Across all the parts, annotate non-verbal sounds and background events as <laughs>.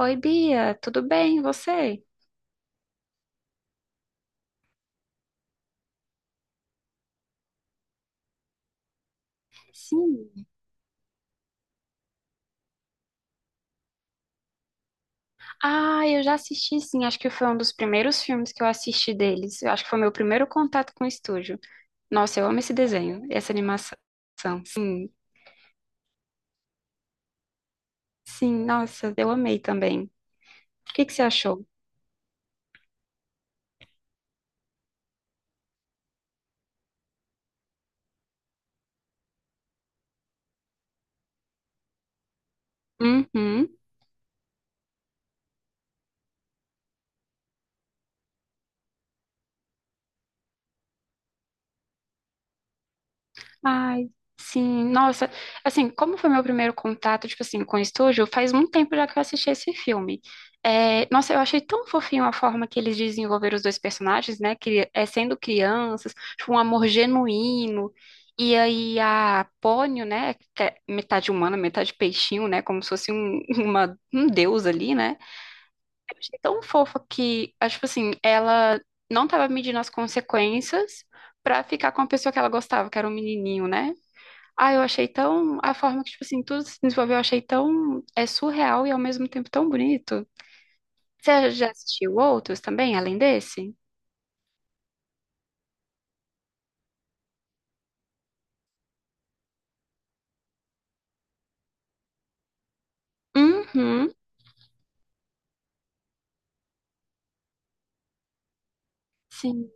Oi, Bia, tudo bem? E você? Sim. Ah, eu já assisti sim, acho que foi um dos primeiros filmes que eu assisti deles. Eu acho que foi meu primeiro contato com o estúdio. Nossa, eu amo esse desenho, essa animação. Sim, sim, nossa, eu amei também. O que que você achou? Uhum. Ai, sim, nossa, assim, como foi meu primeiro contato, tipo assim, com o estúdio, faz muito tempo já que eu assisti esse filme. É, nossa, eu achei tão fofinho a forma que eles desenvolveram os dois personagens, né, que é sendo crianças, tipo, um amor genuíno, e aí a Pônio, né, que é metade humana, metade peixinho, né, como se fosse um, <laughs> uma, um deus ali, né, eu achei tão fofa que, ah, tipo assim, ela não tava medindo as consequências pra ficar com a pessoa que ela gostava, que era um menininho, né, ah, eu achei tão. A forma que, tipo assim, tudo se desenvolveu, eu achei tão. É surreal e ao mesmo tempo tão bonito. Você já assistiu outros também, além desse? Uhum. Sim,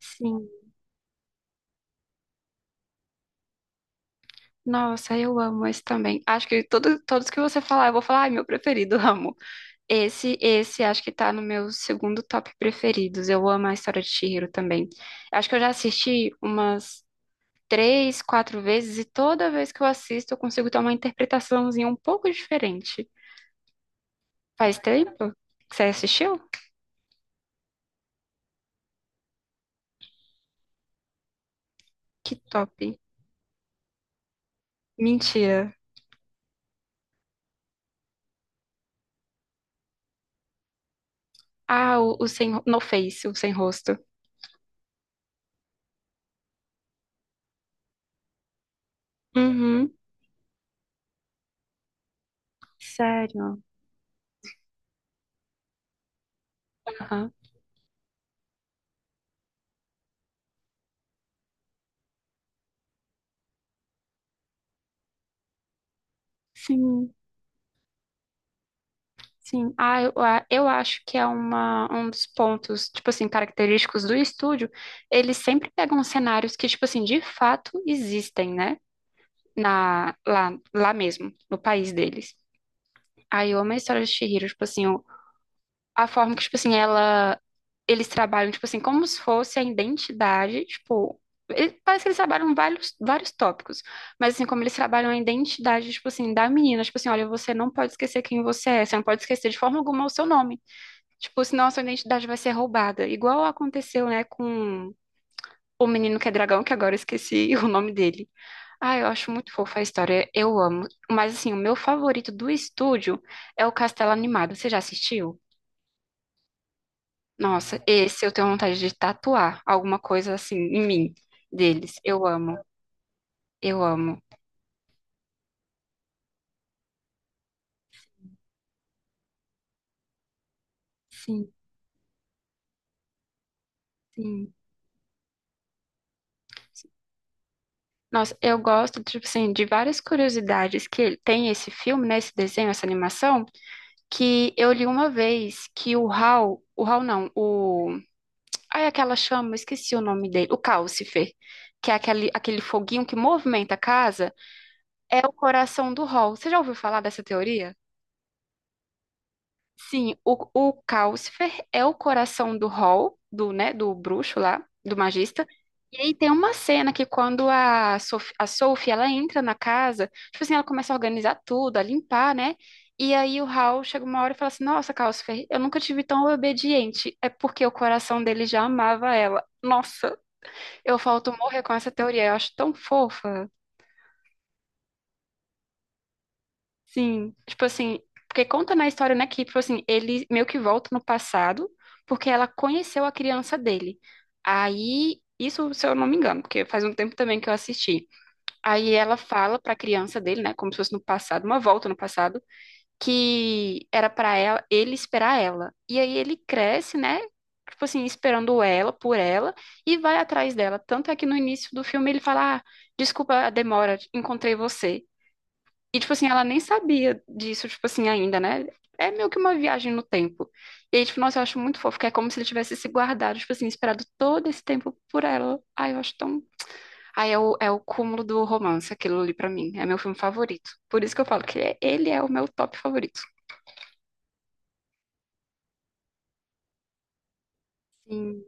sim. Nossa, eu amo esse também. Acho que todo, todos que você falar, eu vou falar, ai, meu preferido, <laughs> amo. Esse acho que tá no meu segundo top preferidos. Eu amo a história de Chihiro também. Acho que eu já assisti umas três, quatro vezes e toda vez que eu assisto eu consigo ter uma interpretaçãozinha um pouco diferente. Faz tempo que você assistiu? Que top. Mentira. Ah, o sem, no Face, o sem rosto. Uhum. Sério. Aham. Sim, sim. Ah, eu, a- eu acho que é uma, um dos pontos, tipo assim, característicos do estúdio. Eles sempre pegam cenários que, tipo assim, de fato existem, né? Na, lá, lá mesmo, no país deles. Aí eu amo a história de Chihiro, tipo assim, a forma que, tipo assim, ela, eles trabalham, tipo assim, como se fosse a identidade, tipo, ele- parece que eles trabalham vários tópicos, mas assim, como eles trabalham a identidade, tipo assim, da menina, tipo assim, olha, você não pode esquecer quem você é, você não pode esquecer de forma alguma o seu nome, tipo, senão a sua identidade vai ser roubada, igual aconteceu, né, com o menino que é dragão, que agora eu esqueci <laughs> o nome dele. Ah, eu acho muito fofa a história, eu amo, mas assim, o meu favorito do estúdio é o Castelo Animado, você já assistiu? Nossa, esse eu tenho vontade de tatuar alguma coisa assim em mim, deles. Eu amo, eu amo. Sim, sim. Nossa, eu gosto, tipo assim, de várias curiosidades que ele- tem esse filme, né, esse desenho, essa animação, que eu li uma vez que o Hal não, o... Ai, aquela chama, esqueci o nome dele, o Calcifer, que é aquele foguinho que movimenta a casa, é o coração do Hal. Você já ouviu falar dessa teoria? Sim, o Calcifer é o coração do Hall, do, né, do bruxo lá, do magista. E aí tem uma cena que quando a Sophie ela entra na casa, tipo assim, ela começa a organizar tudo, a limpar, né? E aí o Hall chega uma hora e fala assim, nossa, Calcifer, eu nunca tive tão obediente. É porque o coração dele já amava ela. Nossa, eu falto morrer com essa teoria, eu acho tão fofa. Sim, tipo assim, porque conta na história, né, que, tipo assim, ele meio que volta no passado, porque ela conheceu a criança dele. Aí, isso, se eu não me engano, porque faz um tempo também que eu assisti. Aí ela fala pra criança dele, né, como se fosse no passado, uma volta no passado, que era pra ela, ele esperar ela. E aí ele cresce, né, tipo assim, esperando ela, por ela, e vai atrás dela. Tanto é que no início do filme ele fala, ah, desculpa a demora, encontrei você. E, tipo assim, ela nem sabia disso, tipo assim, ainda, né? É meio que uma viagem no tempo. E aí, tipo, nossa, eu acho muito fofo, que é como se ele tivesse se guardado, tipo assim, esperado todo esse tempo por ela. Ai, eu acho tão. Ai, é o, é o cúmulo do romance, aquilo ali pra mim. É meu filme favorito. Por isso que eu falo que é- ele é o meu top favorito. Sim,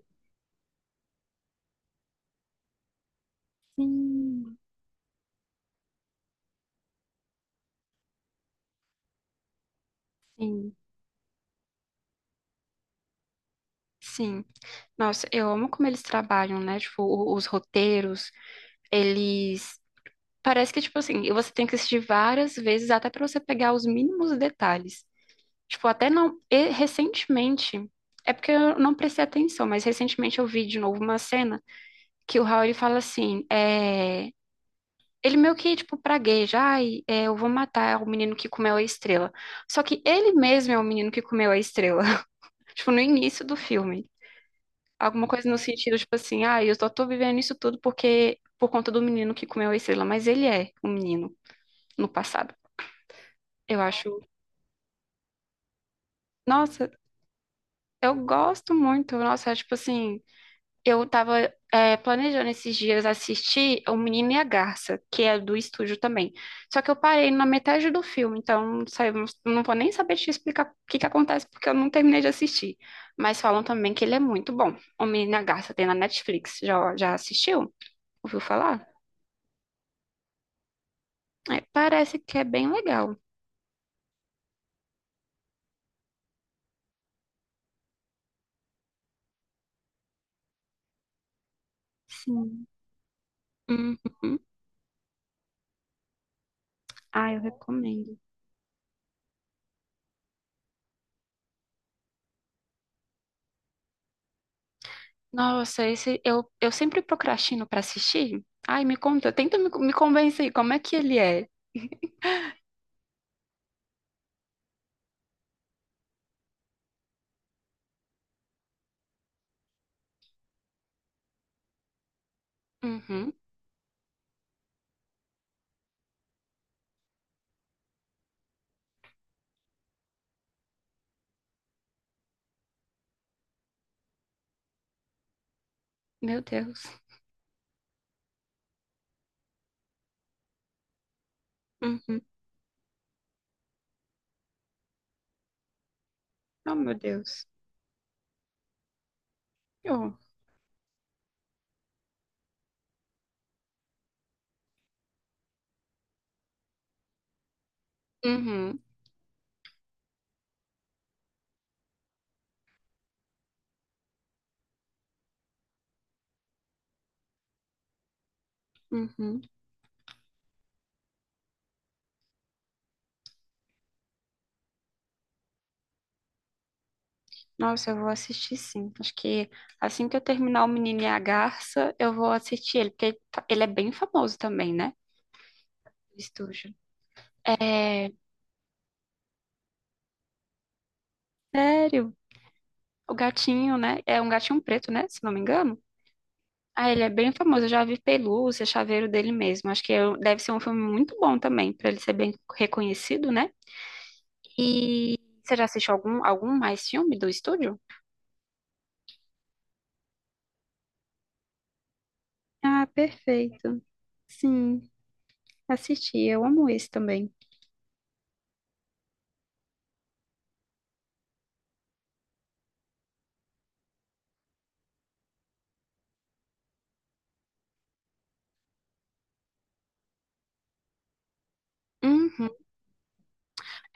sim, sim, sim. Nossa, eu amo como eles trabalham, né? Tipo, o- os roteiros, eles. Parece que, tipo assim, você tem que assistir várias vezes até pra você pegar os mínimos detalhes. Tipo, até não. E recentemente. É porque eu não prestei atenção, mas recentemente eu vi de novo uma cena que o Raul fala assim: é, ele meio que, tipo, pragueja, ai, é, eu vou matar o menino que comeu a estrela. Só que ele mesmo é o menino que comeu a estrela. <laughs> Tipo, no início do filme. Alguma coisa no sentido, tipo assim, ai, eu só tô vivendo isso tudo porque por conta do menino que comeu a estrela. Mas ele é o menino no passado. Eu acho. Nossa, eu gosto muito. Nossa, é tipo assim. Eu tava, é, planejando esses dias assistir O Menino e a Garça, que é do estúdio também. Só que eu parei na metade do filme, então sabe, não vou nem saber te explicar o que que acontece, porque eu não terminei de assistir. Mas falam também que ele é muito bom. O Menino e a Garça tem na Netflix. Já, já assistiu? Ouviu falar? É, parece que é bem legal. Sim. Uhum. Ah, eu recomendo. Nossa, esse eu sempre procrastino pra assistir. Ai, me conta, tenta me, me convencer como é que ele é. Uhum. Meu Deus. Uhum. Oh, meu Deus. Oh. Uhum. Uhum. Nossa, eu vou assistir sim. Acho que assim que eu terminar O Menino e a Garça, eu vou assistir ele, porque ele tá- ele é bem famoso também, né? Estúdio. É, sério. O gatinho, né? É um gatinho preto, né? Se não me engano. Ah, ele é bem famoso. Eu já vi pelúcia, chaveiro dele mesmo. Acho que eu- deve ser um filme muito bom também, pra ele ser bem reconhecido, né? E você já assistiu algum, algum mais filme do estúdio? Ah, perfeito. Sim, assisti. Eu amo esse também. Uhum.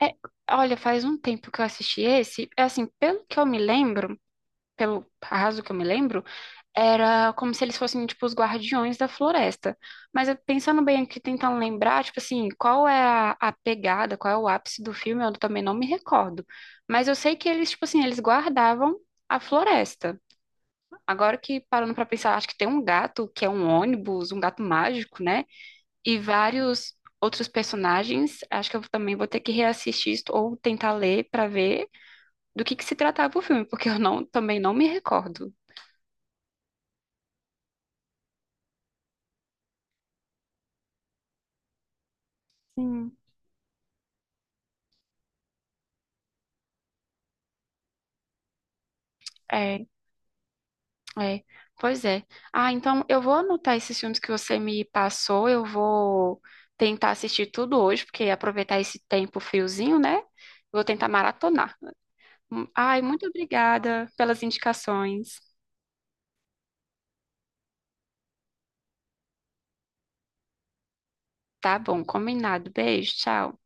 É, olha, faz um tempo que eu assisti esse. É assim, pelo que eu me lembro, pelo arraso que eu me lembro, era como se eles fossem, tipo, os guardiões da floresta. Mas eu pensando bem aqui, tentando lembrar, tipo assim, qual é a pegada, qual é o ápice do filme, eu também não me recordo. Mas eu sei que eles, tipo assim, eles guardavam a floresta. Agora que parando pra pensar, acho que tem um gato que é um ônibus, um gato mágico, né? E vários outros personagens. Acho que eu também vou ter que reassistir isso ou tentar ler pra ver do que se tratava o filme, porque eu não, também não me recordo. Sim. É, é. Pois é. Ah, então eu vou anotar esses filmes que você me passou, eu vou tentar assistir tudo hoje, porque aproveitar esse tempo friozinho, né? Vou tentar maratonar. Ai, muito obrigada pelas indicações. Tá bom, combinado. Beijo, tchau.